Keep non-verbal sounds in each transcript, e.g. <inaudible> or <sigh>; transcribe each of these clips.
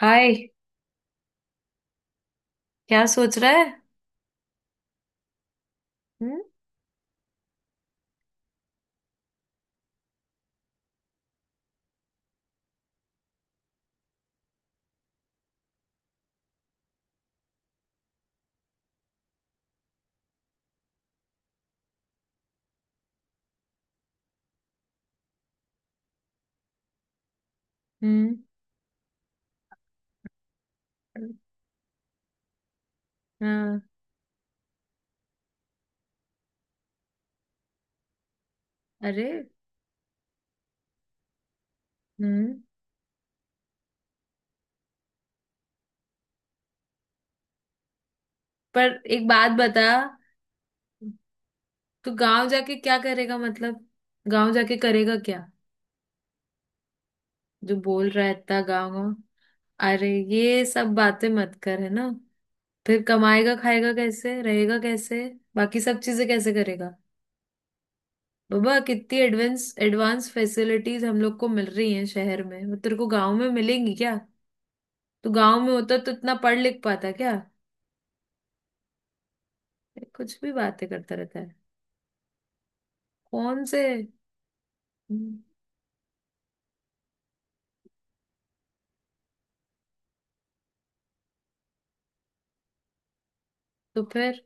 हाय। क्या सोच रहा है? हम्म। हम्म। हाँ। अरे। हम्म। पर एक बात बता। तू गांव जाके क्या करेगा, मतलब? गांव जाके करेगा क्या? जो बोल रहा है इतना गांव गांव। अरे ये सब बातें मत कर, है ना। फिर कमाएगा खाएगा कैसे, रहेगा कैसे, बाकी सब चीजें कैसे करेगा? बाबा, कितनी एडवांस एडवांस फैसिलिटीज हम लोग को मिल रही हैं शहर में, वो तेरे को गांव में मिलेंगी क्या? तू गांव में होता तो इतना पढ़ लिख पाता क्या? कुछ भी बातें करता रहता है। कौन से? हम्म, तो फिर?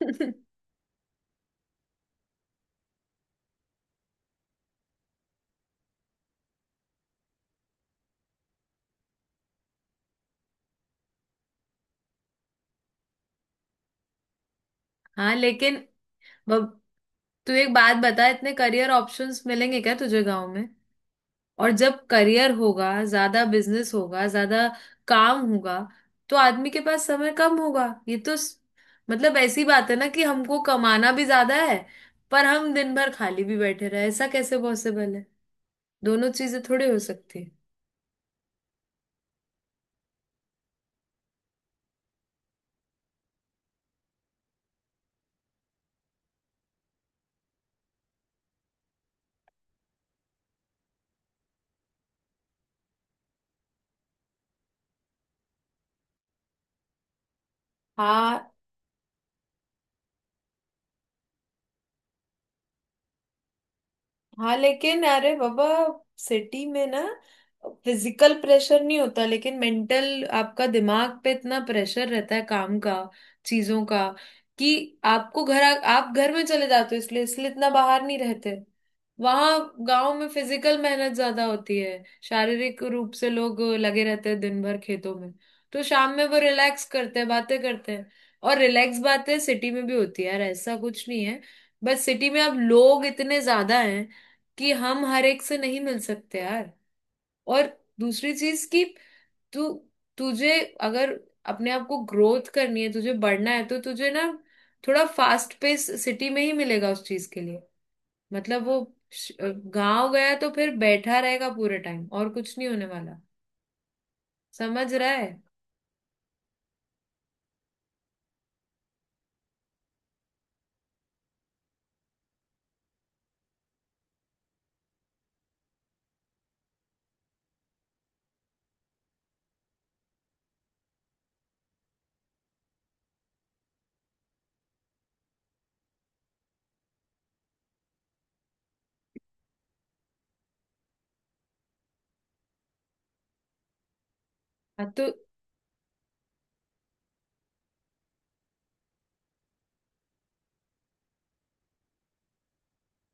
<laughs> हाँ लेकिन बब- तू एक बात बता, इतने करियर ऑप्शंस मिलेंगे क्या तुझे गांव में? और जब करियर होगा ज्यादा, बिजनेस होगा ज्यादा, काम होगा, तो आदमी के पास समय कम होगा। ये तो मतलब ऐसी बात है ना, कि हमको कमाना भी ज्यादा है पर हम दिन भर खाली भी बैठे रहे, ऐसा कैसे पॉसिबल है? दोनों चीजें थोड़ी हो सकती है। हाँ हाँ, लेकिन अरे बाबा, सिटी में ना फिजिकल प्रेशर नहीं होता, लेकिन मेंटल, आपका दिमाग पे इतना प्रेशर रहता है काम का, चीजों का, कि आपको घर आप घर में चले जाते हो, इसलिए इसलिए इतना बाहर नहीं रहते वहां। गांव में फिजिकल मेहनत ज्यादा होती है, शारीरिक रूप से लोग लगे रहते हैं दिन भर खेतों में, तो शाम में वो रिलैक्स करते हैं, बातें करते हैं। और रिलैक्स बातें सिटी में भी होती है यार, ऐसा कुछ नहीं है। बस सिटी में अब लोग इतने ज्यादा हैं कि हम हर एक से नहीं मिल सकते यार। और दूसरी चीज कि तू तुझे अगर अपने आप को ग्रोथ करनी है, तुझे बढ़ना है, तो तुझे ना थोड़ा फास्ट पेस सिटी में ही मिलेगा उस चीज के लिए। मतलब वो श- गांव गया तो फिर बैठा रहेगा पूरे टाइम, और कुछ नहीं होने वाला। समझ रहा है? हाँ तो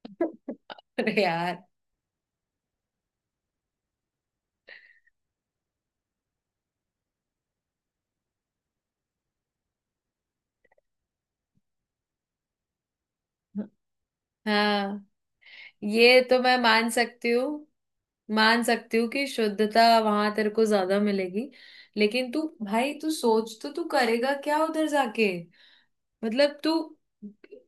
<laughs> अरे यार, हाँ, ये तो मैं मान सकती हूँ। मान सकती हूँ कि शुद्धता वहां तेरे को ज्यादा मिलेगी, लेकिन तू भाई, तू सोच तो, तू करेगा क्या उधर जाके? मतलब तू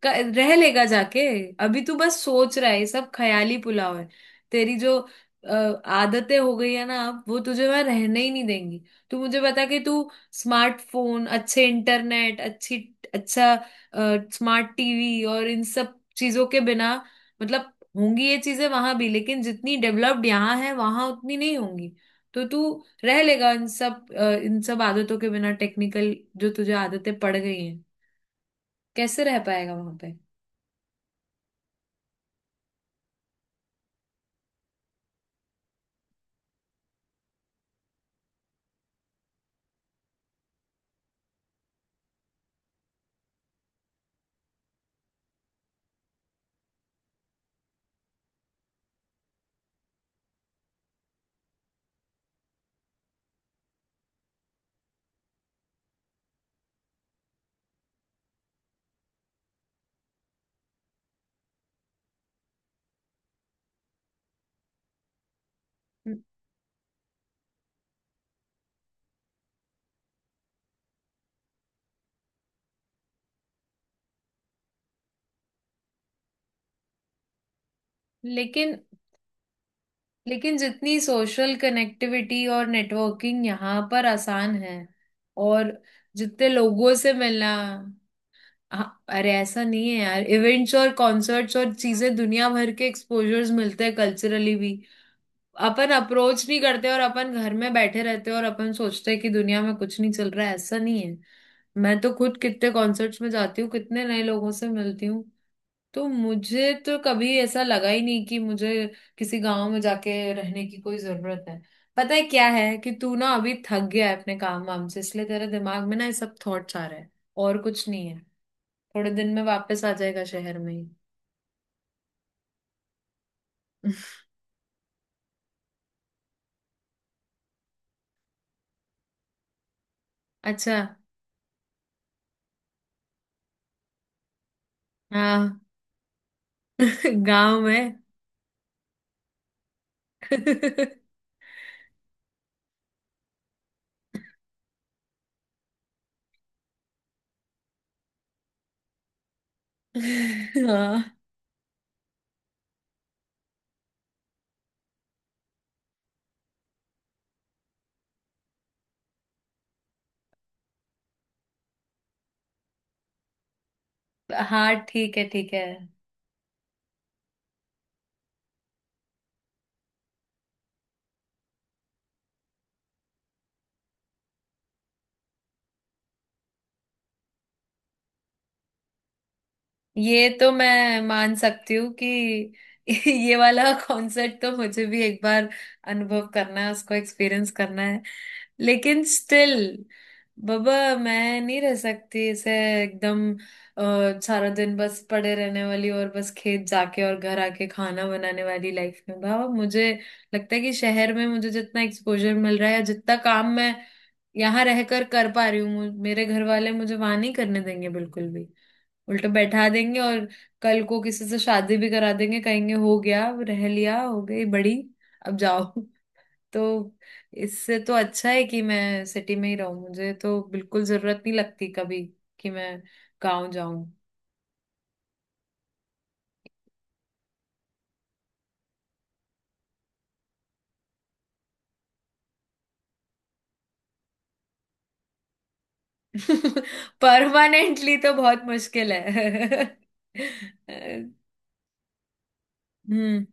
रह लेगा जाके? अभी तू बस सोच रहा है, ये सब ख्याली पुलाव है। तेरी जो अ, आदतें हो गई है ना, अब वो तुझे वहां रहने ही नहीं देंगी। तू मुझे बता कि तू स्मार्टफोन, अच्छे इंटरनेट, अच्छी अच्छा स्मार्ट टीवी और इन सब चीजों के बिना, मतलब होंगी ये चीजें वहां भी, लेकिन जितनी डेवलप्ड यहाँ है वहां उतनी नहीं होंगी। तो तू रह लेगा इन सब आदतों के बिना? टेक्निकल जो तुझे आदतें पड़ गई हैं, कैसे रह पाएगा वहां पे? लेकिन लेकिन जितनी सोशल कनेक्टिविटी और नेटवर्किंग यहाँ पर आसान है, और जितने लोगों से मिलना, हाँ, अरे ऐसा नहीं है यार, इवेंट्स और कॉन्सर्ट्स और चीजें, दुनिया भर के एक्सपोजर्स मिलते हैं, कल्चरली भी। अपन अप्रोच नहीं करते और अपन घर में बैठे रहते हैं, और अपन सोचते हैं कि दुनिया में कुछ नहीं चल रहा है, ऐसा नहीं है। मैं तो खुद कितने कॉन्सर्ट्स में जाती हूँ, कितने नए लोगों से मिलती हूँ। तो मुझे तो कभी ऐसा लगा ही नहीं कि मुझे किसी गांव में जाके रहने की कोई जरूरत है। पता है क्या है, कि तू ना अभी थक गया है अपने काम वाम से, इसलिए तेरे दिमाग में ना ये सब थॉट्स आ रहे हैं, और कुछ नहीं है। थोड़े दिन में वापस आ जाएगा शहर में ही। <laughs> अच्छा। हाँ, <laughs> गांव में। <laughs> हाँ हाँ, ठीक है, ठीक है। ये तो मैं मान सकती हूँ कि <laughs> ये वाला कॉन्सर्ट तो मुझे भी एक बार अनुभव करना है, उसको एक्सपीरियंस करना है। लेकिन स्टिल, बाबा, मैं नहीं रह सकती ऐसे एकदम सारा दिन बस पड़े रहने वाली और बस खेत जाके और घर आके खाना बनाने वाली लाइफ में। बाबा, मुझे लगता है कि शहर में मुझे जितना एक्सपोजर मिल रहा है, या जितना काम मैं यहाँ रहकर कर पा रही हूँ, मेरे घर वाले मुझे वहां नहीं करने देंगे बिल्कुल भी। उल्टा बैठा देंगे, और कल को किसी से शादी भी करा देंगे, कहेंगे हो गया, अब रह लिया, हो गई बड़ी, अब जाओ। <laughs> तो इससे तो अच्छा है कि मैं सिटी में ही रहूं। मुझे तो बिल्कुल जरूरत नहीं लगती कभी कि मैं गांव जाऊं। <laughs> परमानेंटली तो बहुत मुश्किल है। <laughs> हम्म।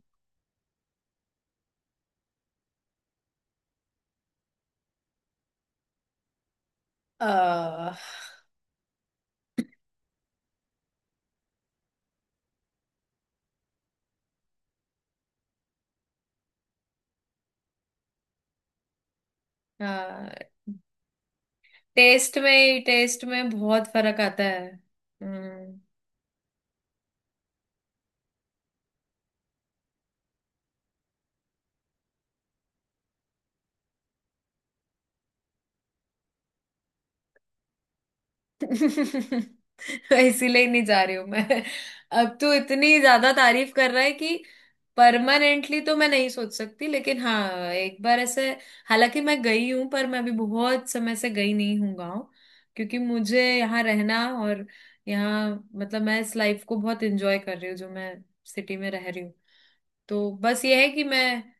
आ, टेस्ट में बहुत फर्क आता है। हम्म। <laughs> इसीलिए नहीं जा रही हूं मैं। अब तू इतनी ज्यादा तारीफ कर रहा है कि परमानेंटली तो मैं नहीं सोच सकती, लेकिन हाँ, एक बार ऐसे, हालांकि मैं गई हूँ, पर मैं अभी बहुत समय से गई नहीं हूँ गाँव। क्योंकि मुझे यहाँ रहना और यहाँ, मतलब मैं इस लाइफ को बहुत एंजॉय कर रही हूँ जो मैं सिटी में रह रही। तो बस ये है कि मैं,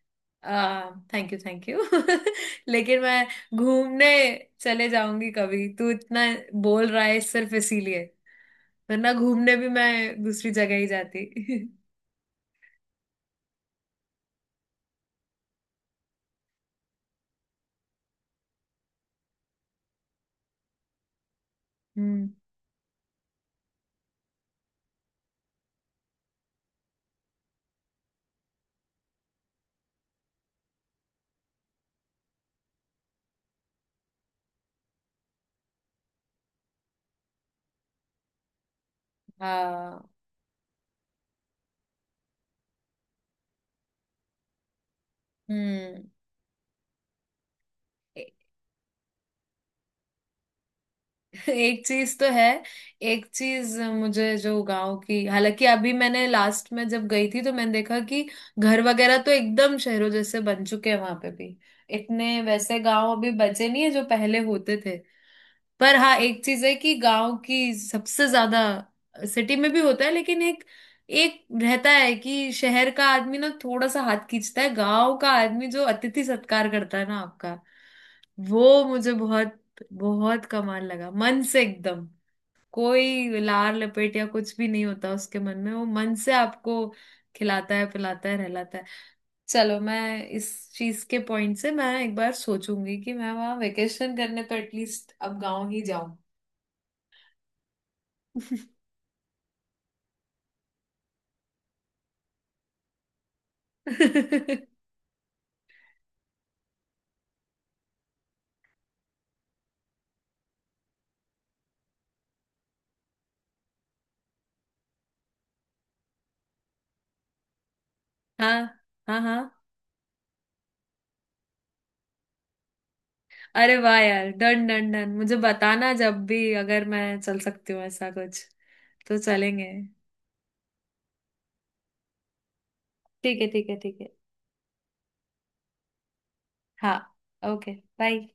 थैंक यू, थैंक यू, <laughs> लेकिन मैं घूमने चले जाऊंगी कभी। तू इतना बोल रहा है सिर्फ इसीलिए, वरना घूमने भी मैं दूसरी जगह ही जाती। <laughs> हम्म। हाँ। हम्म। ए- <laughs> एक चीज तो है। एक चीज मुझे जो गांव की, हालांकि अभी मैंने लास्ट में जब गई थी तो मैंने देखा कि घर वगैरह तो एकदम शहरों जैसे बन चुके हैं वहां पे भी, इतने वैसे गांव अभी बचे नहीं है जो पहले होते थे। पर हाँ, एक चीज है कि गांव की सबसे ज्यादा, सिटी में भी होता है लेकिन एक एक रहता है कि शहर का आदमी ना थोड़ा सा हाथ खींचता है, गांव का आदमी जो अतिथि सत्कार करता है ना आपका, वो मुझे बहुत बहुत कमाल लगा, मन से एकदम। कोई लार लपेट या कुछ भी नहीं होता उसके मन में, वो मन से आपको खिलाता है, पिलाता है, रहलाता है। चलो, मैं इस चीज के पॉइंट से मैं एक बार सोचूंगी कि मैं वहां वेकेशन करने तो एटलीस्ट अब गांव ही जाऊं। <laughs> हाँ हाँ हाँ। अरे वाह यार, डन डन डन, मुझे बताना जब भी, अगर मैं चल सकती हूँ ऐसा कुछ तो चलेंगे। ठीक है, ठीक है, ठीक है। हाँ, ओके, बाय।